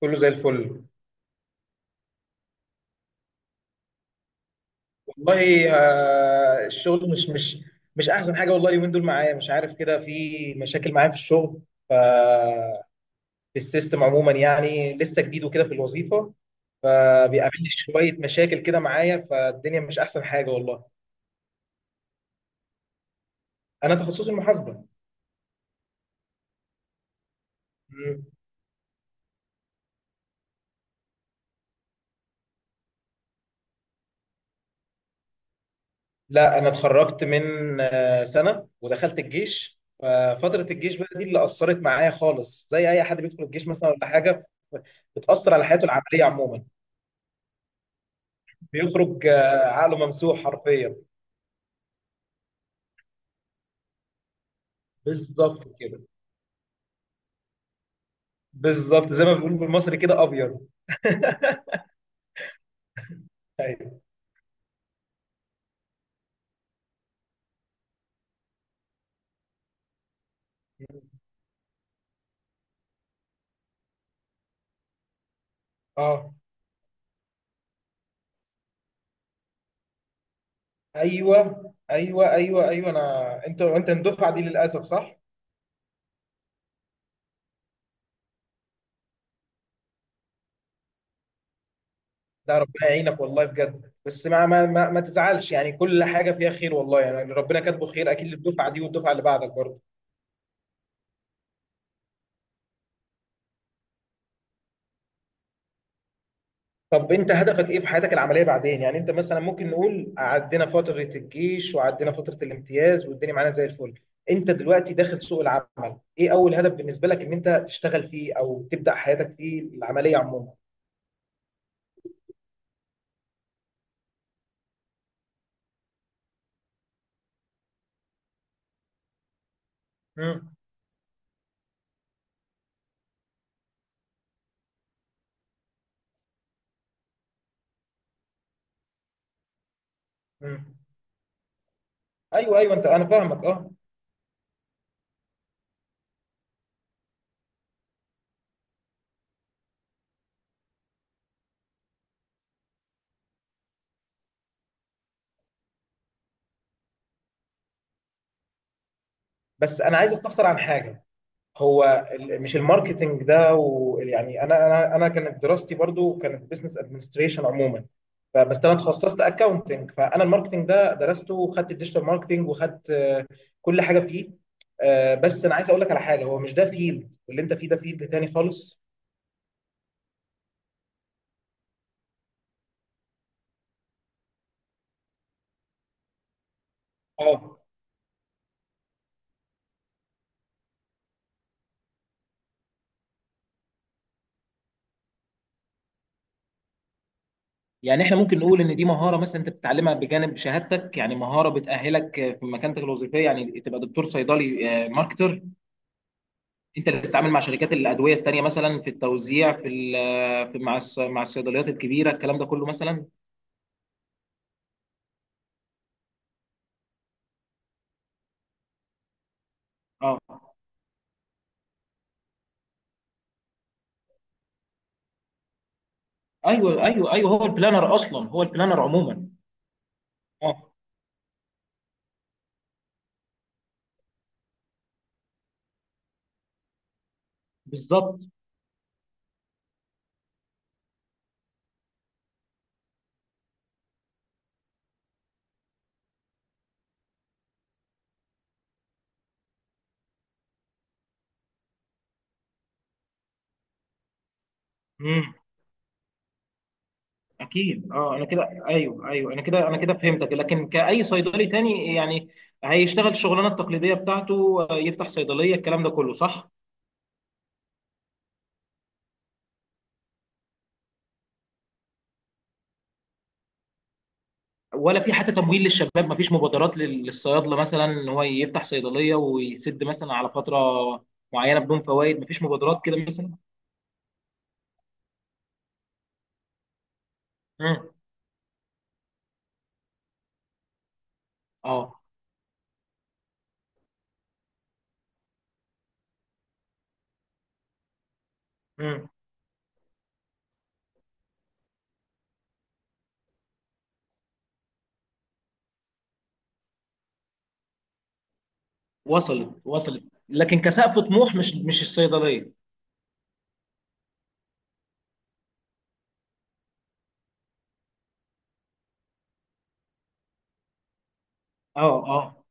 كله زي الفل. والله، الشغل مش احسن حاجه، والله اليومين دول معايا مش عارف كده، في مشاكل معايا في الشغل، ف في السيستم عموما، يعني لسه جديد وكده في الوظيفه، فبيقابلني شويه مشاكل كده معايا، فالدنيا مش احسن حاجه والله. انا تخصصي المحاسبه. مم. لا، انا اتخرجت من سنه، ودخلت الجيش، ففتره الجيش بقى دي اللي اثرت معايا خالص، زي اي حد بيدخل الجيش مثلا ولا حاجه، بتاثر على حياته العمليه عموما. بيخرج عقله ممسوح حرفيا. بالظبط كده. بالظبط زي ما بنقول بالمصري كده، ابيض. ايوه، اه، ايوه ايوه ايوه ايوه، انا انت انت الدفعه دي للاسف، صح؟ ده ربنا يعينك والله بجد، بس ما تزعلش، يعني كل حاجه فيها خير والله، يعني ربنا كاتبه خير اكيد للدفعه دي والدفعه اللي بعدك برضه. طب انت هدفك ايه في حياتك العمليه بعدين؟ يعني انت مثلا، ممكن نقول عدينا فتره الجيش وعدينا فتره الامتياز والدنيا معانا زي الفل، انت دلوقتي داخل سوق العمل، ايه اول هدف بالنسبه لك ان انت تشتغل فيه او تبدا حياتك فيه العمليه عموما؟ امم. امم. ايوه ايوه، انت انا فاهمك، اه. بس انا عايز استفسر عن حاجه. مش الماركتنج ده يعني انا كانت دراستي برضو كانت بزنس ادمنستريشن عموما، فبس انا اتخصصت اكاونتنج، فانا الماركتنج ده درسته وخدت الديجيتال ماركتنج وخدت كل حاجه فيه، بس انا عايز اقول لك على حاجه، هو مش ده فيلد اللي انت فيه، ده فيلد تاني خالص. اه، يعني احنا ممكن نقول ان دي مهاره، مثلا انت بتتعلمها بجانب شهادتك، يعني مهاره بتاهلك في مكانتك الوظيفيه، يعني تبقى دكتور صيدلي ماركتر. انت اللي بتتعامل مع شركات الادويه التانيه، مثلا في التوزيع، مع الصيدليات الكبيره، الكلام ده كله مثلا. اه، ايوه ايوه ايوه، هو البلانر اصلا، هو البلانر عموما. اه، بالظبط. امم. اكيد، اه، انا كده، ايوه ايوه، انا كده فهمتك. لكن كاي صيدلي تاني، يعني هيشتغل الشغلانه التقليديه بتاعته، يفتح صيدليه، الكلام ده كله صح. ولا في حتى تمويل للشباب؟ ما فيش مبادرات للصيادله مثلا ان هو يفتح صيدليه ويسد مثلا على فتره معينه بدون فوائد؟ ما فيش مبادرات كده مثلا؟ امم. اه. امم. وصلت وصلت. لكن كسقف طموح، مش الصيدليه. اه اه.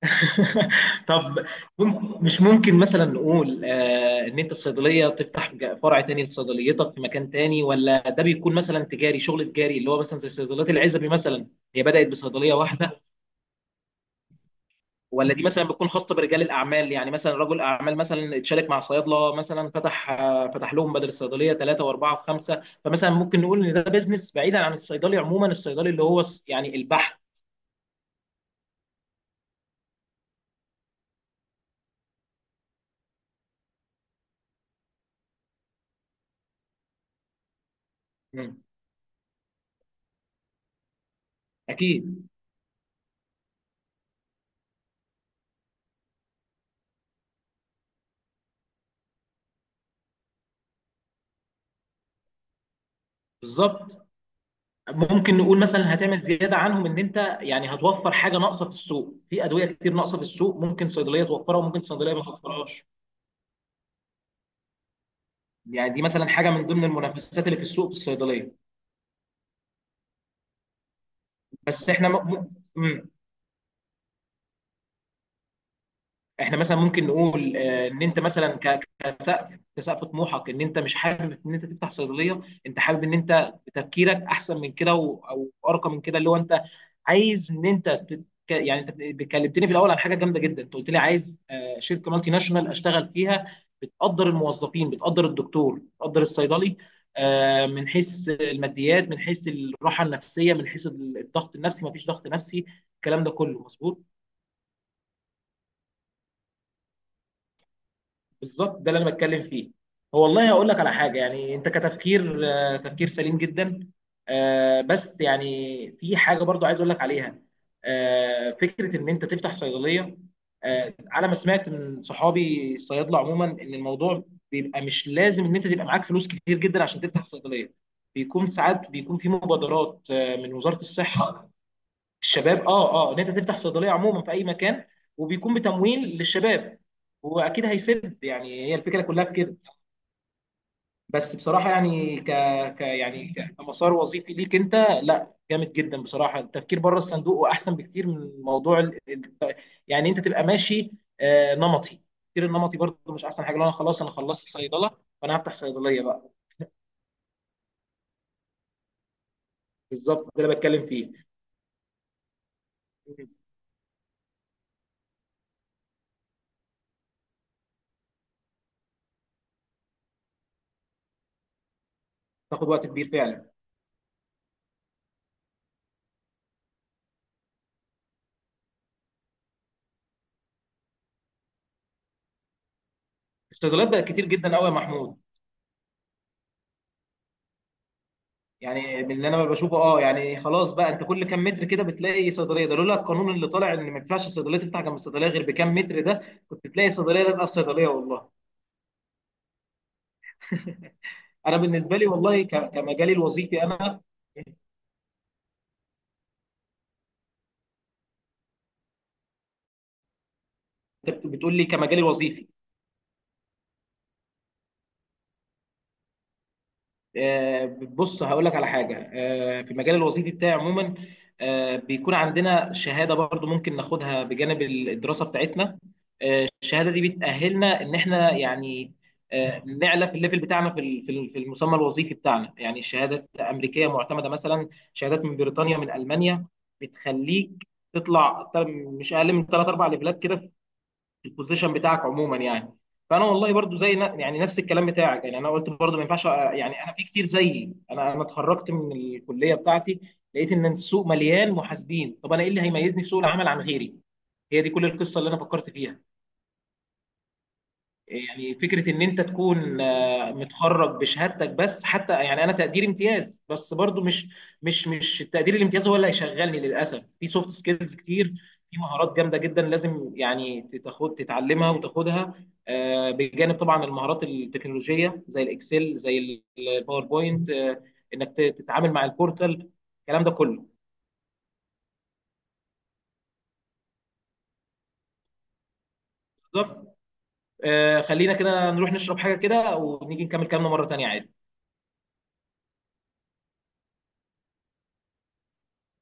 طب، مش ممكن مثلا نقول ان انت الصيدليه تفتح فرع تاني لصيدليتك في مكان تاني؟ ولا ده بيكون مثلا تجاري، شغل تجاري، اللي هو مثلا زي صيدليات العزبي مثلا، هي بدات بصيدليه واحده؟ ولا دي مثلا بتكون خاصه برجال الاعمال، يعني مثلا رجل اعمال مثلا اتشارك مع صيادله مثلا، فتح لهم بدل الصيدليه ثلاثه واربعه وخمسه، فمثلا ممكن نقول ان ده بيزنس بعيدا عن الصيدلي عموما، الصيدلي اللي هو يعني البحث؟ مم. اكيد. بالظبط. ممكن نقول مثلا هتعمل زياده عنهم، ان انت يعني هتوفر حاجه ناقصه في السوق، في ادويه كتير ناقصه في السوق ممكن صيدليه توفرها وممكن صيدليه ما توفرهاش، يعني دي مثلا حاجه من ضمن المنافسات اللي في السوق في الصيدليه. بس م... احنا مثلا ممكن نقول ان انت مثلا، كسقف طموحك، ان انت مش حابب ان انت تفتح صيدليه، انت حابب ان انت تفكيرك احسن من كده او ارقى من كده، اللي هو انت عايز ان انت يعني. انت كلمتني في الاول عن حاجه جامده جدا، انت قلت لي عايز شركه مالتي ناشونال اشتغل فيها، بتقدر الموظفين، بتقدر الدكتور، بتقدر الصيدلي، من حيث الماديات، من حيث الراحه النفسيه، من حيث الضغط النفسي مفيش ضغط نفسي، الكلام ده كله مظبوط. بالظبط ده اللي انا بتكلم فيه. هو والله هقول لك على حاجه، يعني انت كتفكير، تفكير سليم جدا، بس يعني في حاجه برضو عايز اقول لك عليها، فكره ان انت تفتح صيدليه، على ما سمعت من صحابي الصيادله عموما، ان الموضوع بيبقى مش لازم ان انت تبقى معاك فلوس كتير جدا عشان تفتح صيدليه، بيكون ساعات بيكون في مبادرات من وزاره الصحه، الشباب، اه اه، ان انت تفتح صيدليه عموما في اي مكان وبيكون بتمويل للشباب، هو اكيد هيسد، يعني هي الفكره كلها في كده. بس بصراحه يعني، كمسار وظيفي ليك انت، لا جامد جدا بصراحه، التفكير بره الصندوق واحسن بكتير من موضوع يعني انت تبقى ماشي نمطي، التفكير النمطي برضه مش احسن حاجه، لو انا خلاص انا خلصت صيدله فانا هفتح صيدليه بقى. بالظبط ده اللي بتكلم فيه. تاخد وقت كبير فعلا. الصيدليات بقت كتير جدا قوي يا محمود، يعني من اللي انا بشوفه، اه، يعني خلاص بقى، انت كل كام متر كده بتلاقي صيدليه، ده لولا القانون اللي طالع ان ما ينفعش الصيدليه تفتح جنب الصيدليه غير بكام متر، ده كنت تلاقي صيدليه لازقه في صيدليه والله. انا بالنسبه لي والله، كمجالي الوظيفي، انا، انت بتقول لي كمجالي الوظيفي، بص هقول لك على حاجه، في المجال الوظيفي بتاعي عموما، بيكون عندنا شهاده برضو ممكن ناخدها بجانب الدراسه بتاعتنا، الشهاده دي بتاهلنا ان احنا يعني، نعلى في الليفل بتاعنا، في المسمى الوظيفي بتاعنا، يعني شهادات امريكيه معتمده مثلا، شهادات من بريطانيا، من المانيا، بتخليك تطلع مش اقل من ثلاث اربع ليفلات كده البوزيشن بتاعك عموما، يعني. فانا والله برضو زي يعني نفس الكلام بتاعك، يعني انا قلت برضو ما ينفعش يعني، انا في كتير زيي، انا اتخرجت من الكليه بتاعتي لقيت ان السوق مليان محاسبين، طب انا ايه اللي هيميزني في سوق العمل عن غيري؟ هي دي كل القصه اللي انا فكرت فيها، يعني فكرة إن أنت تكون متخرج بشهادتك بس، حتى يعني أنا تقدير امتياز بس برضو، مش التقدير الامتياز هو اللي هيشغلني، للأسف في سوفت سكيلز كتير، في مهارات جامدة جدا لازم يعني تاخد تتعلمها وتاخدها، بجانب طبعا المهارات التكنولوجية زي الإكسل زي الباوربوينت، إنك تتعامل مع البورتال، الكلام ده كله. بالظبط. خلينا كده نروح نشرب حاجة كده ونيجي نكمل كلامنا مرة تانية عادي.